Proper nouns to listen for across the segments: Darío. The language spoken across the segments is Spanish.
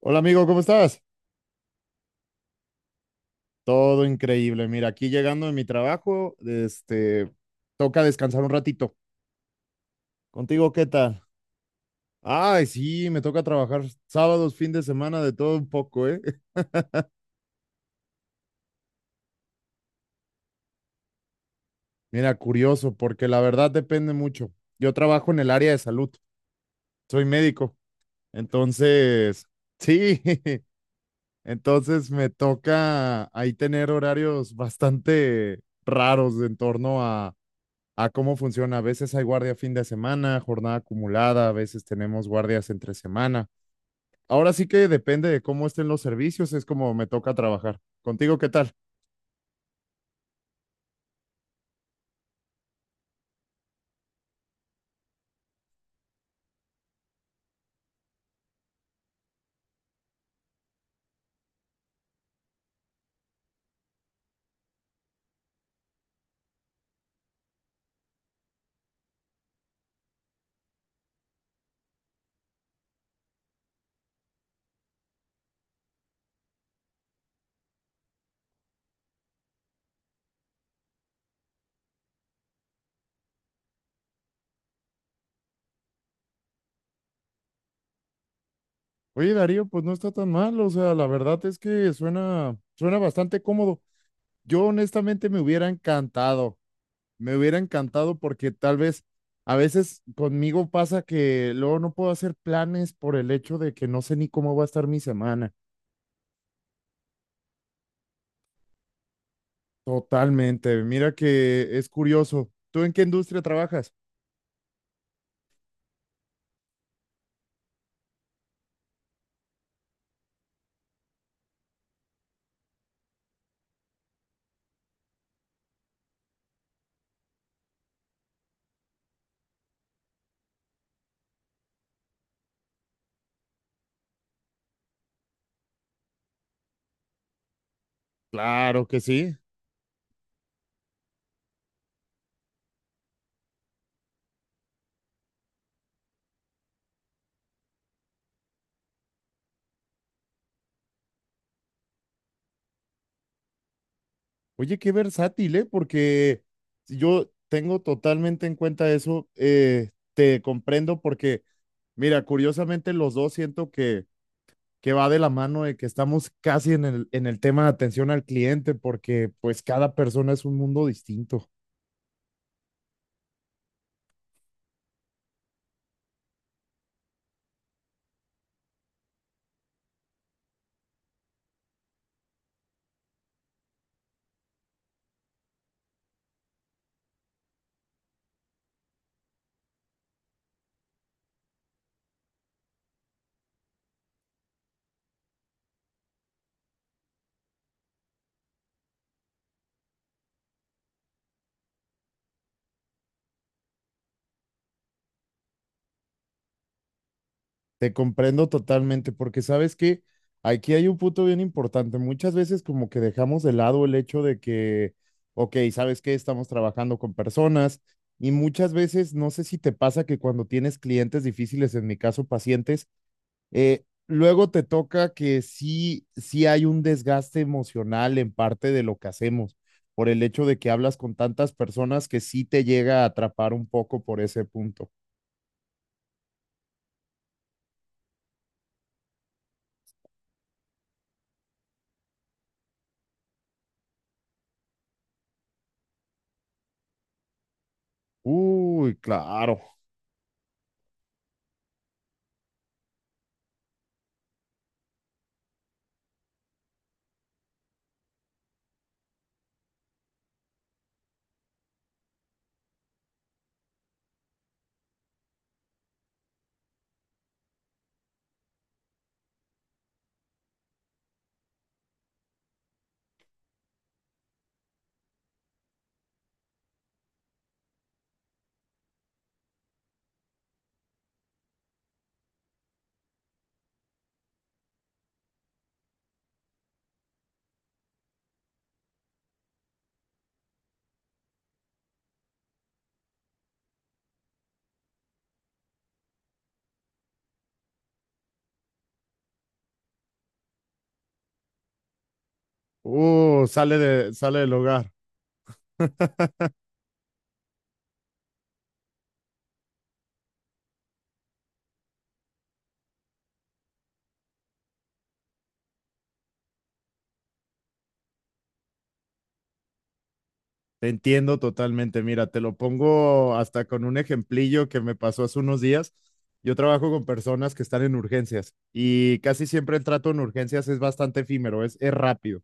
Hola amigo, ¿cómo estás? Todo increíble. Mira, aquí llegando de mi trabajo, este, toca descansar un ratito. ¿Contigo qué tal? Ay, sí, me toca trabajar sábados, fin de semana, de todo un poco, ¿eh? Mira, curioso, porque la verdad depende mucho. Yo trabajo en el área de salud, soy médico, entonces, sí, entonces me toca ahí tener horarios bastante raros en torno a cómo funciona. A veces hay guardia fin de semana, jornada acumulada, a veces tenemos guardias entre semana. Ahora sí que depende de cómo estén los servicios, es como me toca trabajar. ¿Contigo qué tal? Oye, Darío, pues no está tan mal, o sea, la verdad es que suena bastante cómodo. Yo honestamente me hubiera encantado porque tal vez a veces conmigo pasa que luego no puedo hacer planes por el hecho de que no sé ni cómo va a estar mi semana. Totalmente. Mira que es curioso. ¿Tú en qué industria trabajas? Claro que sí. Oye, qué versátil, ¿eh? Porque si yo tengo totalmente en cuenta eso. Te comprendo porque, mira, curiosamente los dos siento que va de la mano de que estamos casi en el tema de atención al cliente porque pues cada persona es un mundo distinto. Te comprendo totalmente, porque sabes que aquí hay un punto bien importante. Muchas veces como que dejamos de lado el hecho de que, ok, ¿sabes qué? Estamos trabajando con personas y muchas veces, no sé si te pasa que cuando tienes clientes difíciles, en mi caso pacientes, luego te toca que sí, sí hay un desgaste emocional en parte de lo que hacemos, por el hecho de que hablas con tantas personas que sí te llega a atrapar un poco por ese punto. Uy, claro. Sale de, sale del hogar. Te entiendo totalmente. Mira, te lo pongo hasta con un ejemplillo que me pasó hace unos días. Yo trabajo con personas que están en urgencias y casi siempre el trato en urgencias es bastante efímero, es rápido.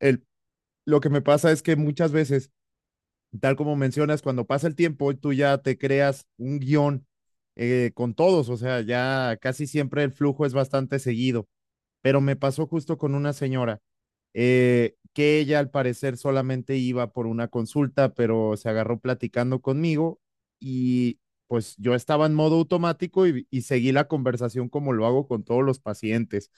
El, lo que me pasa es que muchas veces, tal como mencionas, cuando pasa el tiempo, tú ya te creas un guión con todos, o sea, ya casi siempre el flujo es bastante seguido. Pero me pasó justo con una señora que ella al parecer solamente iba por una consulta, pero se agarró platicando conmigo y pues yo estaba en modo automático y seguí la conversación como lo hago con todos los pacientes.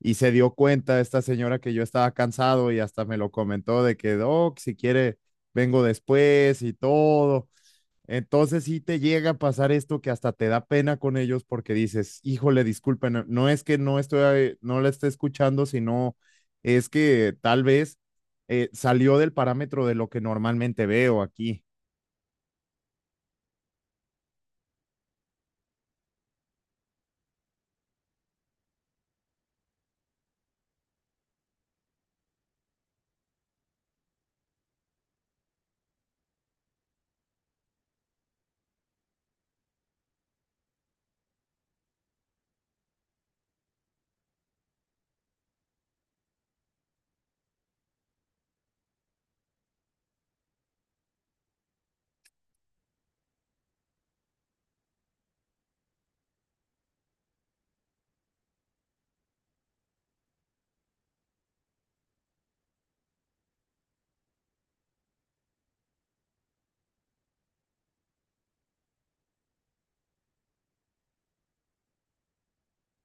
Y se dio cuenta esta señora que yo estaba cansado y hasta me lo comentó de que, "Doc, si quiere, vengo después y todo." Entonces sí te llega a pasar esto que hasta te da pena con ellos porque dices, híjole, disculpen, no es que no estoy, no la esté escuchando, sino es que tal vez salió del parámetro de lo que normalmente veo aquí.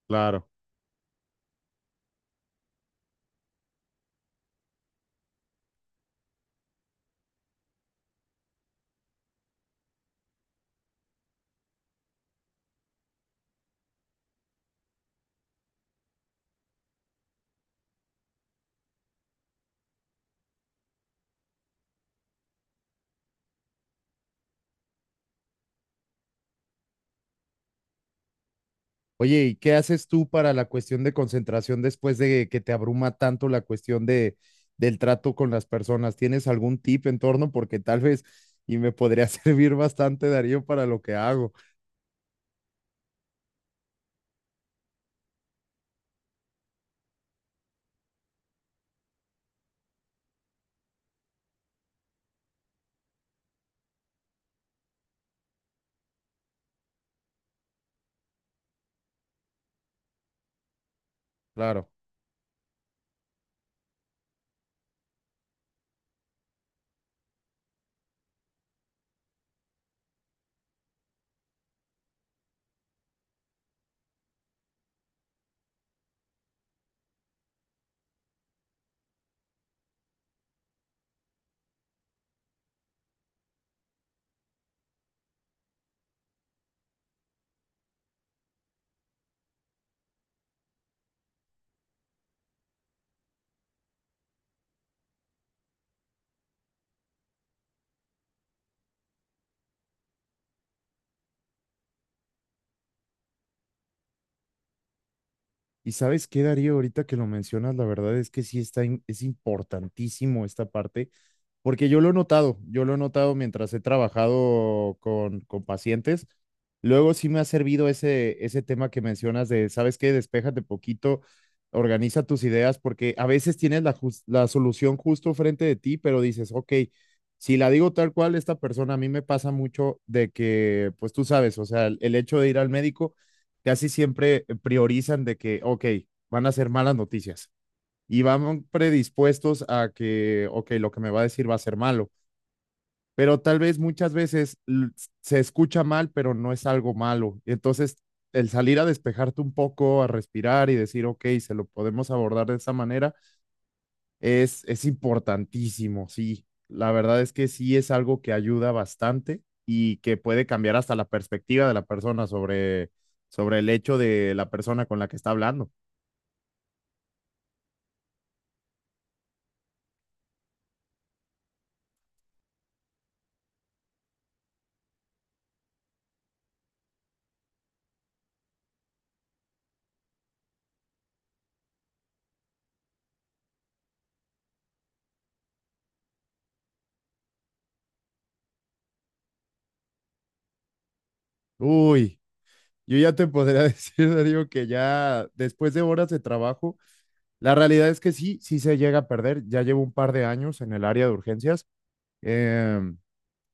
Claro. Oye, ¿y qué haces tú para la cuestión de concentración después de que te abruma tanto la cuestión de, del trato con las personas? ¿Tienes algún tip en torno? Porque tal vez, y me podría servir bastante, Darío, para lo que hago. Claro. Y sabes qué, Darío, ahorita que lo mencionas, la verdad es que sí está, es importantísimo esta parte, porque yo lo he notado, yo lo he notado mientras he trabajado con pacientes. Luego sí me ha servido ese, ese tema que mencionas de, ¿sabes qué? Despéjate poquito, organiza tus ideas, porque a veces tienes la, la solución justo frente de ti, pero dices, ok, si la digo tal cual, esta persona a mí me pasa mucho de que, pues tú sabes, o sea, el hecho de ir al médico casi siempre priorizan de que, ok, van a ser malas noticias y van predispuestos a que, ok, lo que me va a decir va a ser malo, pero tal vez muchas veces se escucha mal, pero no es algo malo. Entonces, el salir a despejarte un poco, a respirar y decir, ok, se lo podemos abordar de esa manera, es importantísimo, sí. La verdad es que sí es algo que ayuda bastante y que puede cambiar hasta la perspectiva de la persona sobre, sobre el hecho de la persona con la que está hablando. Uy, yo ya te podría decir, Darío, que ya después de horas de trabajo, la realidad es que sí, sí se llega a perder. Ya llevo un par de años en el área de urgencias. Em,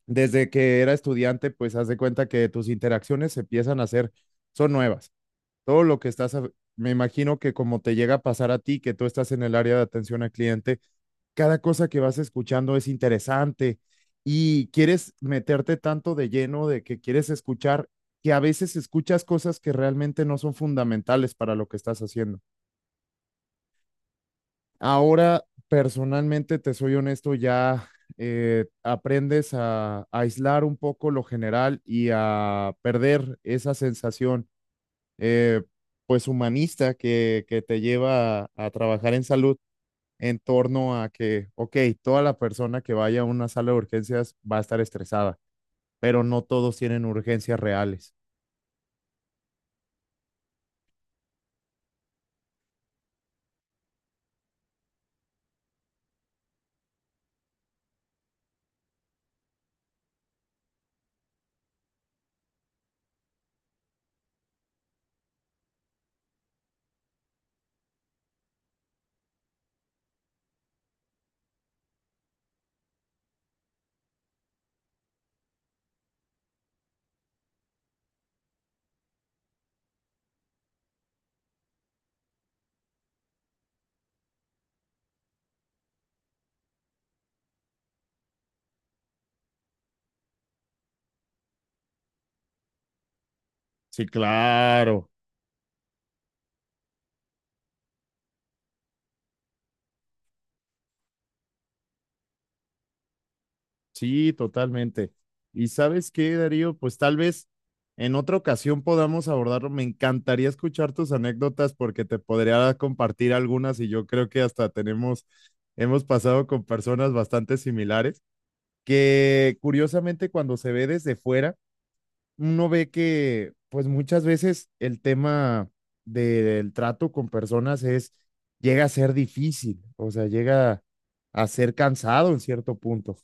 Desde que era estudiante, pues haz de cuenta que tus interacciones se empiezan a hacer, son nuevas. Todo lo que estás, me imagino que como te llega a pasar a ti, que tú estás en el área de atención al cliente, cada cosa que vas escuchando es interesante y quieres meterte tanto de lleno de que quieres escuchar, que a veces escuchas cosas que realmente no son fundamentales para lo que estás haciendo. Ahora, personalmente, te soy honesto, ya aprendes a aislar un poco lo general y a perder esa sensación eh, pues humanista que te lleva a trabajar en salud en torno a que, ok, toda la persona que vaya a una sala de urgencias va a estar estresada, pero no todos tienen urgencias reales. Sí, claro, sí, totalmente. ¿Y sabes qué, Darío? Pues tal vez en otra ocasión podamos abordarlo. Me encantaría escuchar tus anécdotas porque te podría compartir algunas y yo creo que hasta tenemos, hemos pasado con personas bastante similares. Que curiosamente cuando se ve desde fuera, uno ve que pues muchas veces el tema del trato con personas es, llega a ser difícil, o sea, llega a ser cansado en cierto punto.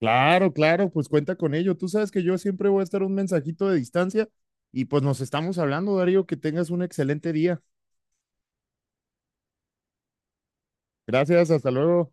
Claro, claro, pues cuenta con ello. Tú sabes que yo siempre voy a estar un mensajito de distancia y pues nos estamos hablando, Darío, que tengas un excelente día. Gracias, hasta luego.